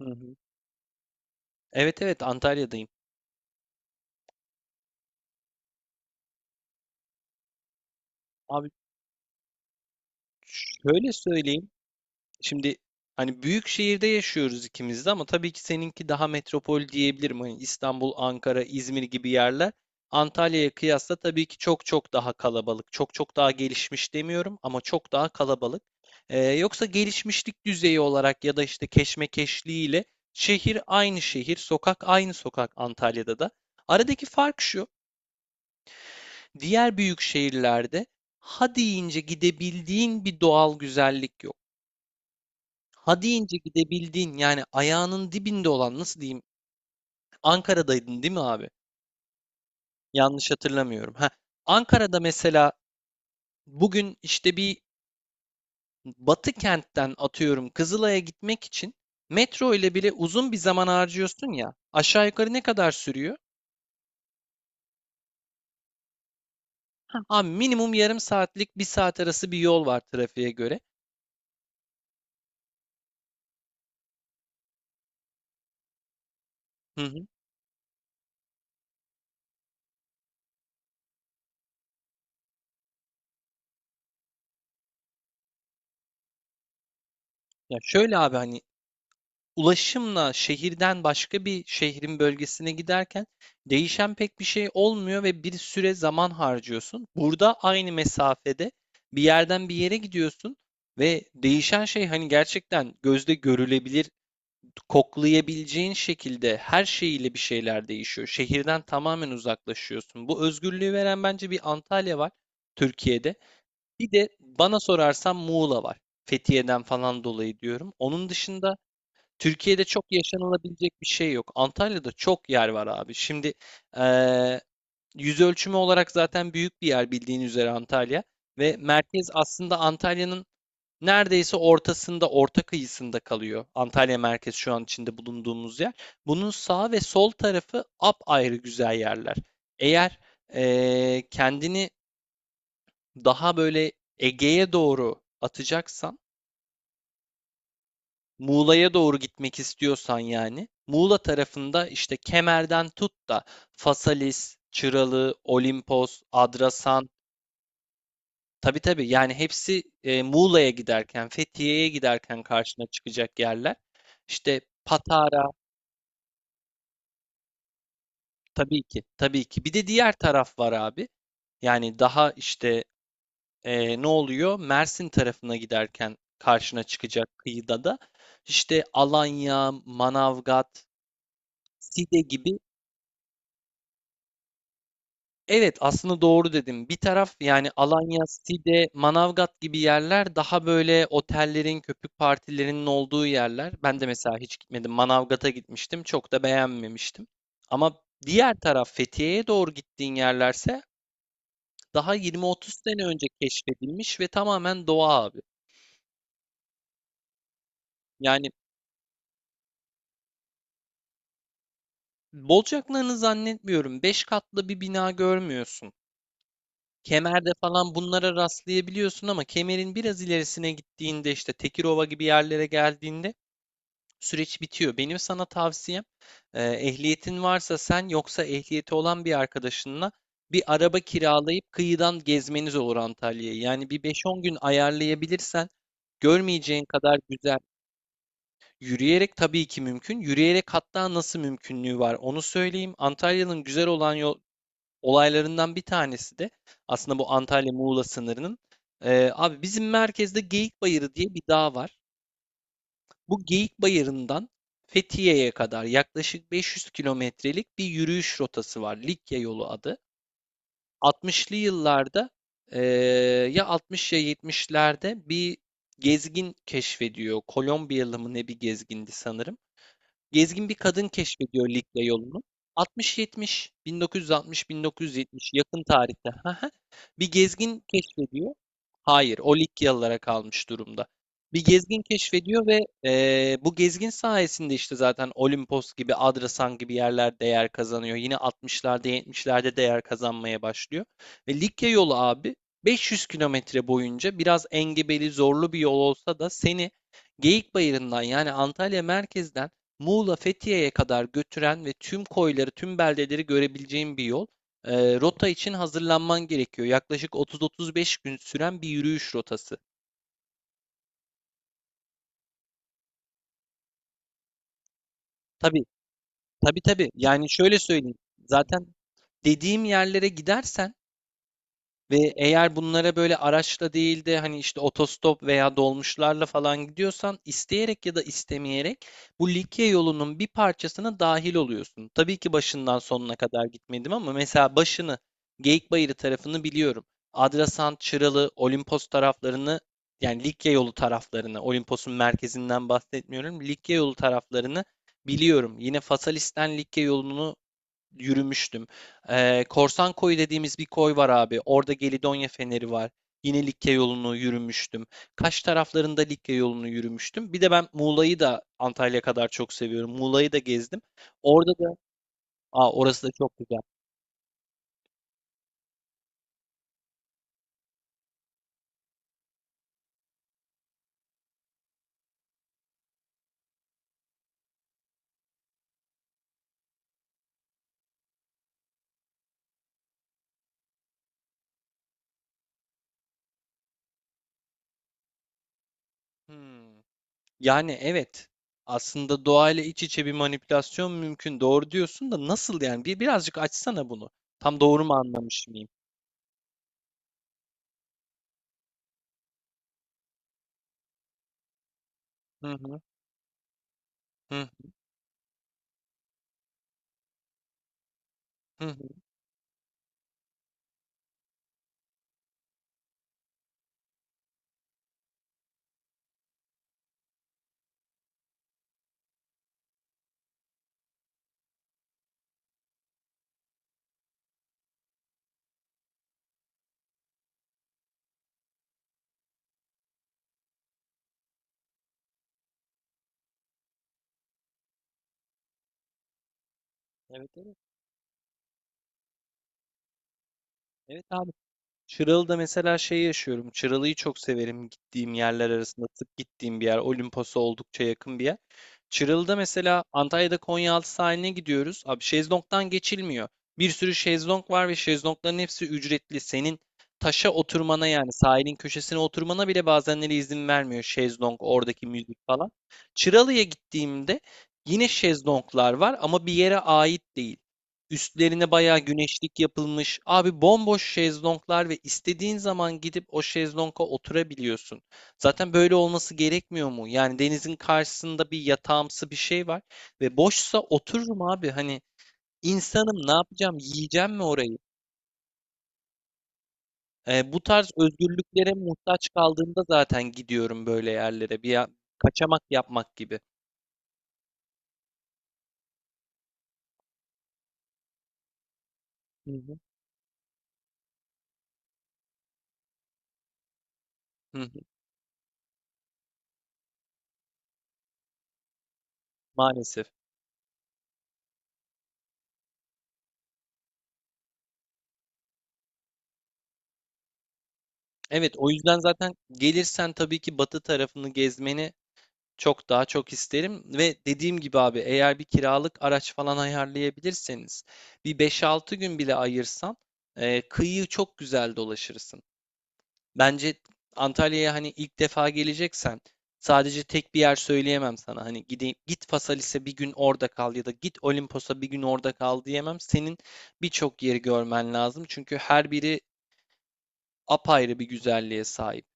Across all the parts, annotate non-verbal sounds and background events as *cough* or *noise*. Hı hı. Evet, evet, Antalya'dayım. Abi şöyle söyleyeyim. Şimdi hani büyük şehirde yaşıyoruz ikimiz de ama tabii ki seninki daha metropol diyebilirim. Hani İstanbul, Ankara, İzmir gibi yerler Antalya'ya kıyasla tabii ki çok çok daha kalabalık. Çok çok daha gelişmiş demiyorum ama çok daha kalabalık. Yoksa gelişmişlik düzeyi olarak ya da işte keşmekeşliğiyle şehir aynı şehir, sokak aynı sokak Antalya'da da. Aradaki fark şu, diğer büyük şehirlerde ha deyince gidebildiğin bir doğal güzellik yok. Hadi ince gidebildiğin yani ayağının dibinde olan nasıl diyeyim? Ankara'daydın değil mi abi? Yanlış hatırlamıyorum. Ha, Ankara'da mesela bugün işte bir Batı kentten atıyorum Kızılay'a gitmek için metro ile bile uzun bir zaman harcıyorsun ya. Aşağı yukarı ne kadar sürüyor? Abi minimum yarım saatlik bir saat arası bir yol var trafiğe göre. Hı hı. Ya şöyle abi hani ulaşımla şehirden başka bir şehrin bölgesine giderken değişen pek bir şey olmuyor ve bir süre zaman harcıyorsun. Burada aynı mesafede bir yerden bir yere gidiyorsun ve değişen şey hani gerçekten gözde görülebilir, koklayabileceğin şekilde her şeyiyle bir şeyler değişiyor. Şehirden tamamen uzaklaşıyorsun. Bu özgürlüğü veren bence bir Antalya var Türkiye'de. Bir de bana sorarsan Muğla var. Fethiye'den falan dolayı diyorum. Onun dışında Türkiye'de çok yaşanılabilecek bir şey yok. Antalya'da çok yer var abi. Şimdi eee, yüz ölçümü olarak zaten büyük bir yer bildiğin üzere Antalya ve merkez aslında Antalya'nın neredeyse ortasında, orta kıyısında kalıyor. Antalya merkez şu an içinde bulunduğumuz yer. Bunun sağ ve sol tarafı apayrı güzel yerler. Eğer kendini daha böyle Ege'ye doğru atacaksan Muğla'ya doğru gitmek istiyorsan yani Muğla tarafında işte Kemer'den tut da Fasalis, Çıralı, Olimpos, Adrasan. Tabii, tabii, yani hepsi, Muğla'ya giderken Fethiye'ye giderken karşına çıkacak yerler. İşte Patara. Tabii ki, tabii ki, bir de diğer taraf var abi. Yani daha işte ne oluyor? Mersin tarafına giderken karşına çıkacak kıyıda da işte Alanya, Manavgat, Side gibi. Evet, aslında doğru dedim. Bir taraf yani Alanya, Side, Manavgat gibi yerler daha böyle otellerin, köpük partilerinin olduğu yerler. Ben de mesela hiç gitmedim. Manavgat'a gitmiştim. Çok da beğenmemiştim. Ama diğer taraf Fethiye'ye doğru gittiğin yerlerse daha 20-30 sene önce keşfedilmiş ve tamamen doğa abi. Yani bolcaklarını zannetmiyorum. 5 katlı bir bina görmüyorsun. Kemer'de falan bunlara rastlayabiliyorsun ama kemerin biraz ilerisine gittiğinde işte Tekirova gibi yerlere geldiğinde süreç bitiyor. Benim sana tavsiyem ehliyetin varsa sen yoksa ehliyeti olan bir arkadaşınla bir araba kiralayıp kıyıdan gezmeniz olur Antalya'yı. Yani bir beş on gün ayarlayabilirsen görmeyeceğin kadar güzel. Yürüyerek tabii ki mümkün. Yürüyerek hatta nasıl mümkünlüğü var onu söyleyeyim. Antalya'nın güzel olan yol, olaylarından bir tanesi de aslında bu Antalya-Muğla sınırının, abi bizim merkezde Geyik Bayırı diye bir dağ var. Bu Geyik Bayırı'ndan Fethiye'ye kadar yaklaşık 500 kilometrelik bir yürüyüş rotası var. Likya yolu adı. 60'lı yıllarda e, ya 60 ya 70'lerde bir gezgin keşfediyor. Kolombiyalı mı ne bir gezgindi sanırım. Gezgin bir kadın keşfediyor Likya yolunu. 60-70, 1960-1970 yakın tarihte *laughs* bir gezgin keşfediyor. Hayır, o Likyalılara kalmış durumda. Bir gezgin keşfediyor ve bu gezgin sayesinde işte zaten Olimpos gibi, Adrasan gibi yerler değer kazanıyor. Yine 60'larda, 70'lerde değer kazanmaya başlıyor. Ve Likya yolu abi 500 kilometre boyunca biraz engebeli, zorlu bir yol olsa da seni Geyikbayırı'ndan yani Antalya merkezden Muğla Fethiye'ye kadar götüren ve tüm koyları, tüm beldeleri görebileceğin bir yol. Rota için hazırlanman gerekiyor. Yaklaşık 30-35 gün süren bir yürüyüş rotası. Tabii, tabii, tabii. Yani şöyle söyleyeyim. Zaten dediğim yerlere gidersen ve eğer bunlara böyle araçla değil de hani işte otostop veya dolmuşlarla falan gidiyorsan isteyerek ya da istemeyerek bu Likya yolunun bir parçasına dahil oluyorsun. Tabii ki başından sonuna kadar gitmedim ama mesela başını Geyikbayırı tarafını biliyorum. Adrasan, Çıralı, Olimpos taraflarını yani Likya yolu taraflarını, Olimpos'un merkezinden bahsetmiyorum. Likya yolu taraflarını biliyorum. Yine Fasalis'ten Likya yolunu yürümüştüm. Korsan Koyu dediğimiz bir koy var abi. Orada Gelidonya Feneri var. Yine Likya yolunu yürümüştüm. Kaş taraflarında Likya yolunu yürümüştüm. Bir de ben Muğla'yı da Antalya kadar çok seviyorum. Muğla'yı da gezdim. Orada da, aa, orası da çok güzel. Hmm. Yani evet. Aslında doğayla iç içe bir manipülasyon mümkün. Doğru diyorsun da nasıl yani? Bir birazcık açsana bunu. Tam doğru mu anlamış mıyım? Hı hı. Hı hı. Hı. Evet, evet. Evet abi. Çıralı'da mesela şey yaşıyorum. Çıralı'yı çok severim gittiğim yerler arasında. Sık gittiğim bir yer. Olimpos'a oldukça yakın bir yer. Çıralı'da mesela Antalya'da Konyaaltı sahiline gidiyoruz. Abi şezlongdan geçilmiyor. Bir sürü şezlong var ve şezlongların hepsi ücretli. Senin taşa oturmana yani sahilin köşesine oturmana bile bazenleri izin vermiyor şezlong, oradaki müzik falan. Çıralı'ya gittiğimde yine şezlonglar var ama bir yere ait değil. Üstlerine bayağı güneşlik yapılmış. Abi bomboş şezlonglar ve istediğin zaman gidip o şezlonga oturabiliyorsun. Zaten böyle olması gerekmiyor mu? Yani denizin karşısında bir yatağımsı bir şey var ve boşsa otururum abi. Hani insanım ne yapacağım? Yiyeceğim mi orayı? Bu tarz özgürlüklere muhtaç kaldığımda zaten gidiyorum böyle yerlere. Bir kaçamak yapmak gibi. Hı hı. Hı hı. Maalesef. Evet, o yüzden zaten gelirsen tabii ki batı tarafını gezmeni çok daha çok isterim ve dediğim gibi abi eğer bir kiralık araç falan ayarlayabilirseniz bir beş altı gün bile ayırsan, kıyı çok güzel dolaşırsın. Bence Antalya'ya hani ilk defa geleceksen sadece tek bir yer söyleyemem sana. Hani gideyim, git Phaselis'e bir gün orada kal ya da git Olimpos'a bir gün orada kal diyemem. Senin birçok yeri görmen lazım çünkü her biri apayrı bir güzelliğe sahip.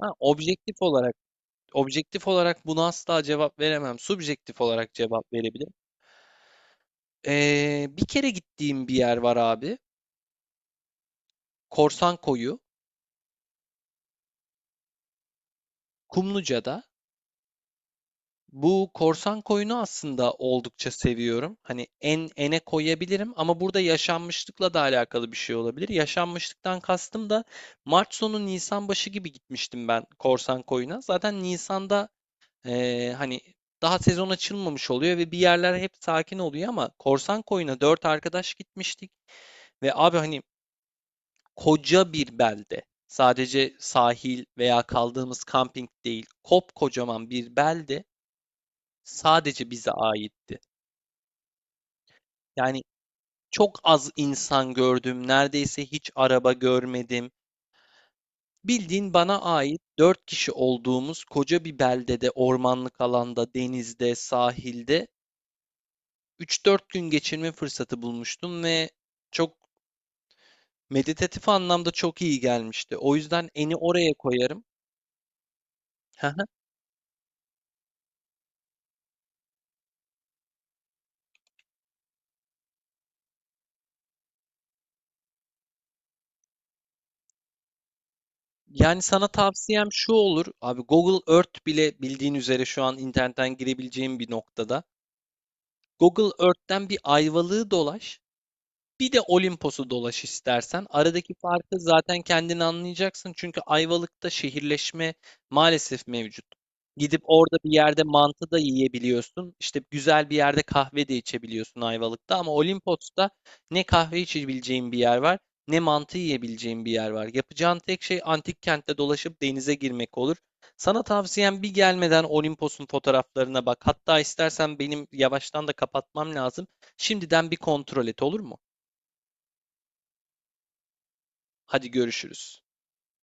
Ha, objektif olarak. Objektif olarak buna asla cevap veremem. Subjektif olarak cevap verebilirim. Bir kere gittiğim bir yer var abi. Korsan Koyu, Kumluca'da. Bu Korsan Koyu'nu aslında oldukça seviyorum. Hani en ene koyabilirim ama burada yaşanmışlıkla da alakalı bir şey olabilir. Yaşanmışlıktan kastım da Mart sonu Nisan başı gibi gitmiştim ben Korsan Koyu'na. Zaten Nisan'da hani daha sezon açılmamış oluyor ve bir yerler hep sakin oluyor ama Korsan Koyu'na dört arkadaş gitmiştik. Ve abi hani koca bir belde. Sadece sahil veya kaldığımız kamping değil. Kopkocaman bir belde sadece bize aitti. Yani çok az insan gördüm. Neredeyse hiç araba görmedim. Bildiğin bana ait dört kişi olduğumuz koca bir beldede, ormanlık alanda, denizde, sahilde üç dört gün geçirme fırsatı bulmuştum ve çok meditatif anlamda çok iyi gelmişti. O yüzden eni oraya koyarım. *laughs* Yani sana tavsiyem şu olur. Abi Google Earth bile bildiğin üzere şu an internetten girebileceğin bir noktada. Google Earth'ten bir ayvalığı dolaş. Bir de Olimpos'u dolaş istersen. Aradaki farkı zaten kendin anlayacaksın. Çünkü Ayvalık'ta şehirleşme maalesef mevcut. Gidip orada bir yerde mantı da yiyebiliyorsun. İşte güzel bir yerde kahve de içebiliyorsun Ayvalık'ta. Ama Olimpos'ta ne kahve içebileceğin bir yer var, ne mantı yiyebileceğin bir yer var. Yapacağın tek şey antik kentte dolaşıp denize girmek olur. Sana tavsiyem bir gelmeden Olimpos'un fotoğraflarına bak. Hatta istersen benim yavaştan da kapatmam lazım. Şimdiden bir kontrol et olur mu? Hadi görüşürüz.